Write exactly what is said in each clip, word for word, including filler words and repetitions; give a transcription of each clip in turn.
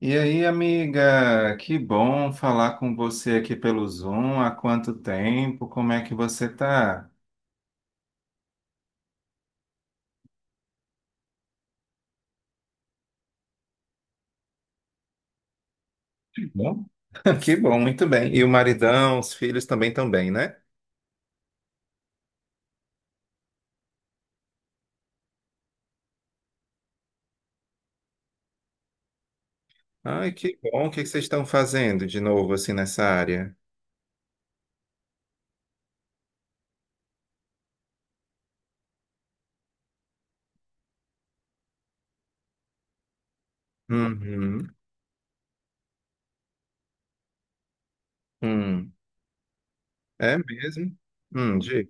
E aí, amiga, que bom falar com você aqui pelo Zoom. Há quanto tempo? Como é que você tá? Que bom. Que bom, muito bem. E o maridão, os filhos também estão bem, né? Ai, que bom. O que que vocês estão fazendo de novo assim nessa área? Uhum. Hum. É mesmo? Hum, diga.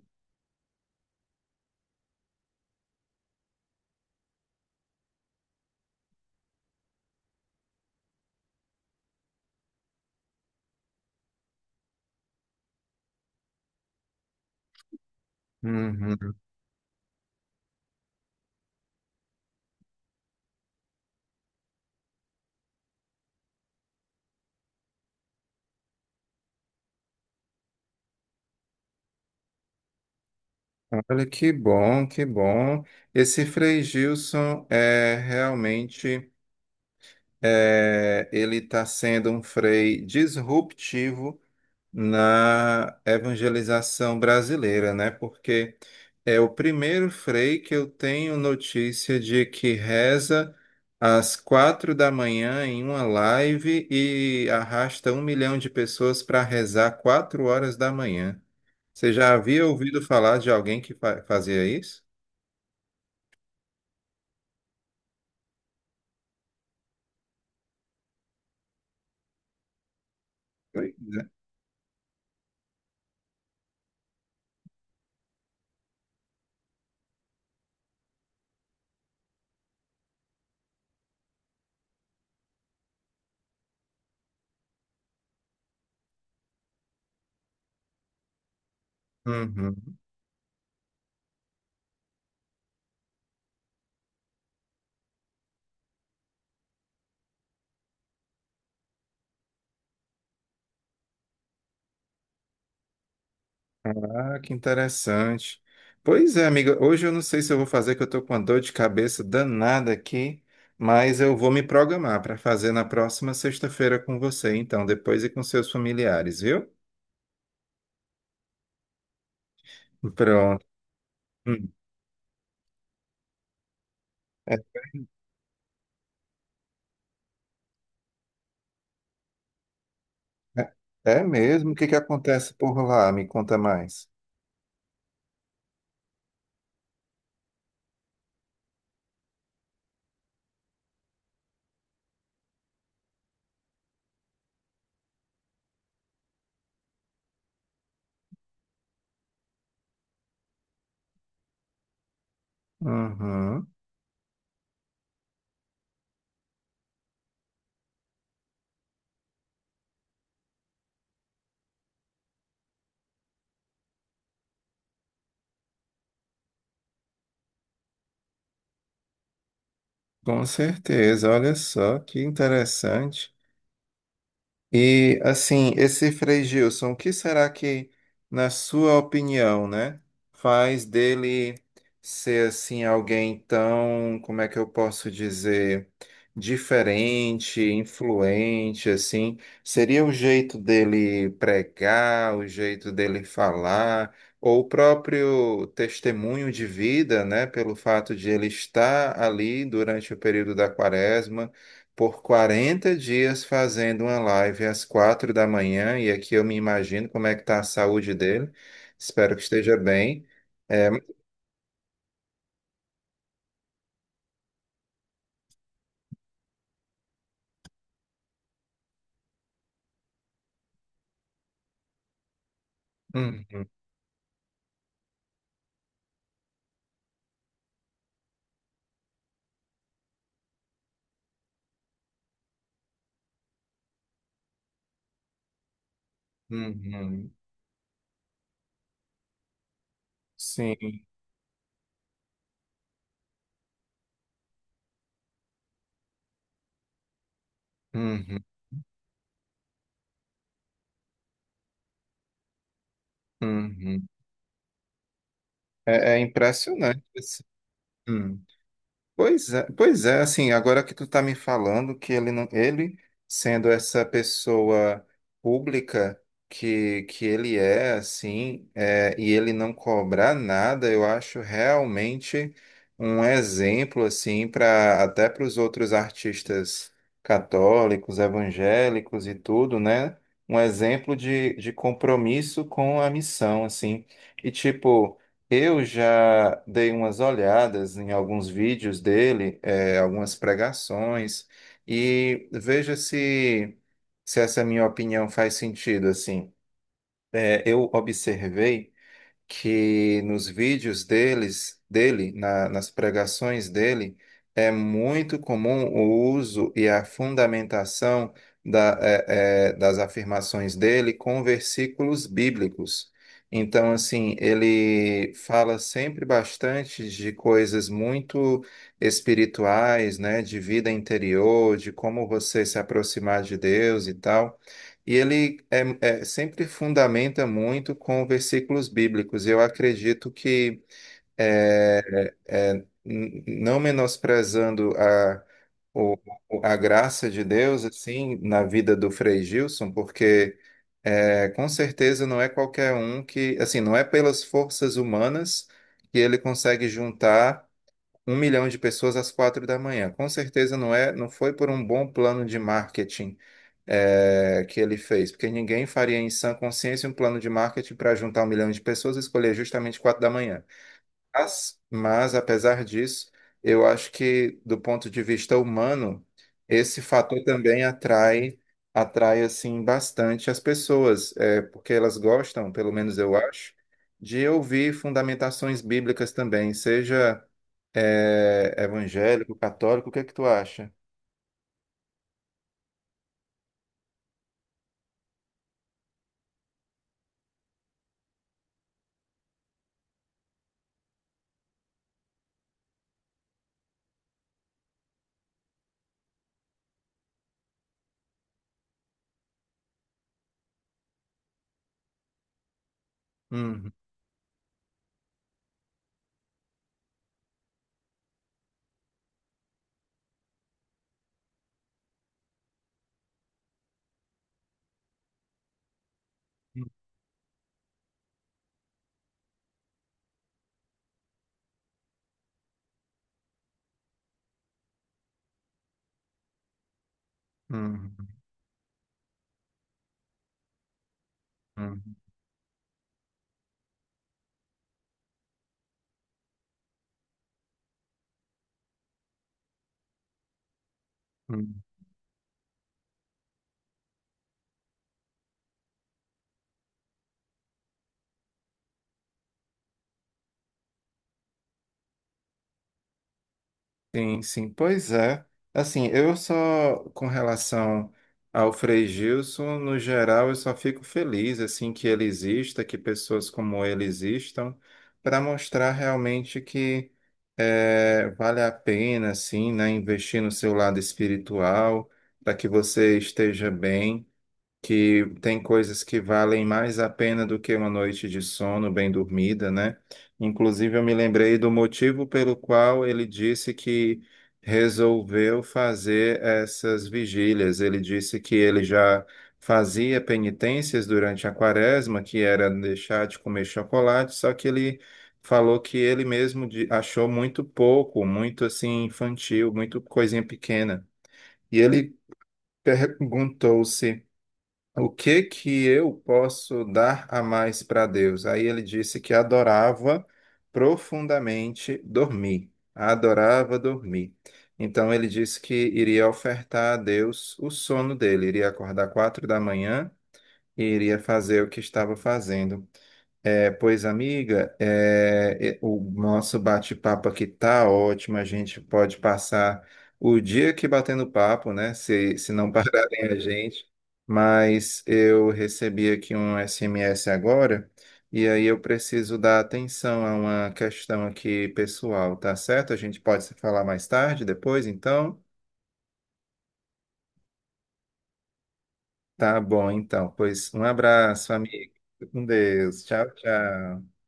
Uhum. Olha que bom, que bom. Esse Frei Gilson é realmente é, ele está sendo um Frei disruptivo na evangelização brasileira, né? Porque é o primeiro frei que eu tenho notícia de que reza às quatro da manhã em uma live e arrasta um milhão de pessoas para rezar quatro horas da manhã. Você já havia ouvido falar de alguém que fa- fazia isso? Oi. Uhum. Ah, que interessante. Pois é, amiga, hoje eu não sei se eu vou fazer, que eu tô com uma dor de cabeça danada aqui, mas eu vou me programar para fazer na próxima sexta-feira com você, então, depois e com seus familiares, viu? Pronto. Hum. É, é- é mesmo? O que que acontece por lá? Me conta mais. Uhum. Com certeza, olha só que interessante. E assim, esse Frei Gilson, o que será que, na sua opinião, né, faz dele ser assim alguém tão, como é que eu posso dizer, diferente, influente, assim? Seria o jeito dele pregar, o jeito dele falar, ou o próprio testemunho de vida, né, pelo fato de ele estar ali durante o período da quaresma? Por quarenta dias fazendo uma live às quatro da manhã, e aqui eu me imagino como é que está a saúde dele. Espero que esteja bem. É, uhum, uhum, sim, uhum, uhum. É, é impressionante, assim. Hum. Pois é, pois é, assim, agora que tu tá me falando que ele não, ele sendo essa pessoa pública que, que ele é, assim, é, e ele não cobrar nada, eu acho realmente um exemplo, assim, para até para os outros artistas católicos, evangélicos e tudo, né? Um exemplo de, de compromisso com a missão, assim. E tipo. Eu já dei umas olhadas em alguns vídeos dele, eh, algumas pregações, e veja se, se essa minha opinião faz sentido, assim. Eh, eu observei que nos vídeos deles, dele, na- nas pregações dele, é muito comum o uso e a fundamentação da- é, é, das afirmações dele com versículos bíblicos. Então, assim, ele fala sempre bastante de coisas muito espirituais, né, de vida interior, de como você se aproximar de Deus e tal. E ele é, é, sempre fundamenta muito com versículos bíblicos. Eu acredito que, é, é, n- não menosprezando a, o, o- a graça de Deus, assim, na vida do Frei Gilson, porque é, com certeza não é qualquer um que, assim, não é pelas forças humanas que ele consegue juntar um milhão de pessoas às quatro da manhã. Com certeza não é, não foi por um bom plano de marketing, é, que ele fez, porque ninguém faria em sã consciência um plano de marketing para juntar um milhão de pessoas e escolher justamente quatro da manhã. Mas, mas, apesar disso, eu acho que do ponto de vista humano, esse fator também atrai atrai assim bastante as pessoas, é, porque elas gostam, pelo menos eu acho, de ouvir fundamentações bíblicas também, seja é, evangélico, católico, o que é que tu acha? Uhum, uhum, uhum, uhum. Sim, sim, pois é. Assim, eu só, com relação ao Frei Gilson, no geral, eu só fico feliz, assim, que ele exista, que pessoas como ele existam, para mostrar realmente que eh, vale a pena, assim, né, investir no seu lado espiritual, para que você esteja bem, que tem coisas que valem mais a pena do que uma noite de sono bem dormida, né? Inclusive, eu me lembrei do motivo pelo qual ele disse que resolveu fazer essas vigílias. Ele disse que ele já fazia penitências durante a quaresma, que era deixar de comer chocolate, só que ele falou que ele mesmo de- achou muito pouco, muito assim infantil, muito coisinha pequena. E ele perguntou-se o que que eu posso dar a mais para Deus? Aí ele disse que adorava profundamente dormir. Adorava dormir. Então ele disse que iria ofertar a Deus o sono dele, iria acordar quatro da manhã e iria fazer o que estava fazendo. É, pois, amiga, é, é, o nosso bate-papo aqui tá ótimo. A gente pode passar o dia aqui batendo papo, né? Se, se não pararem a gente. Mas eu recebi aqui um S M S agora, e aí eu preciso dar atenção a uma questão aqui pessoal, tá certo? A gente pode se falar mais tarde, depois, então? Tá bom, então. Pois um abraço, amigo. Fica com Deus. Tchau, tchau.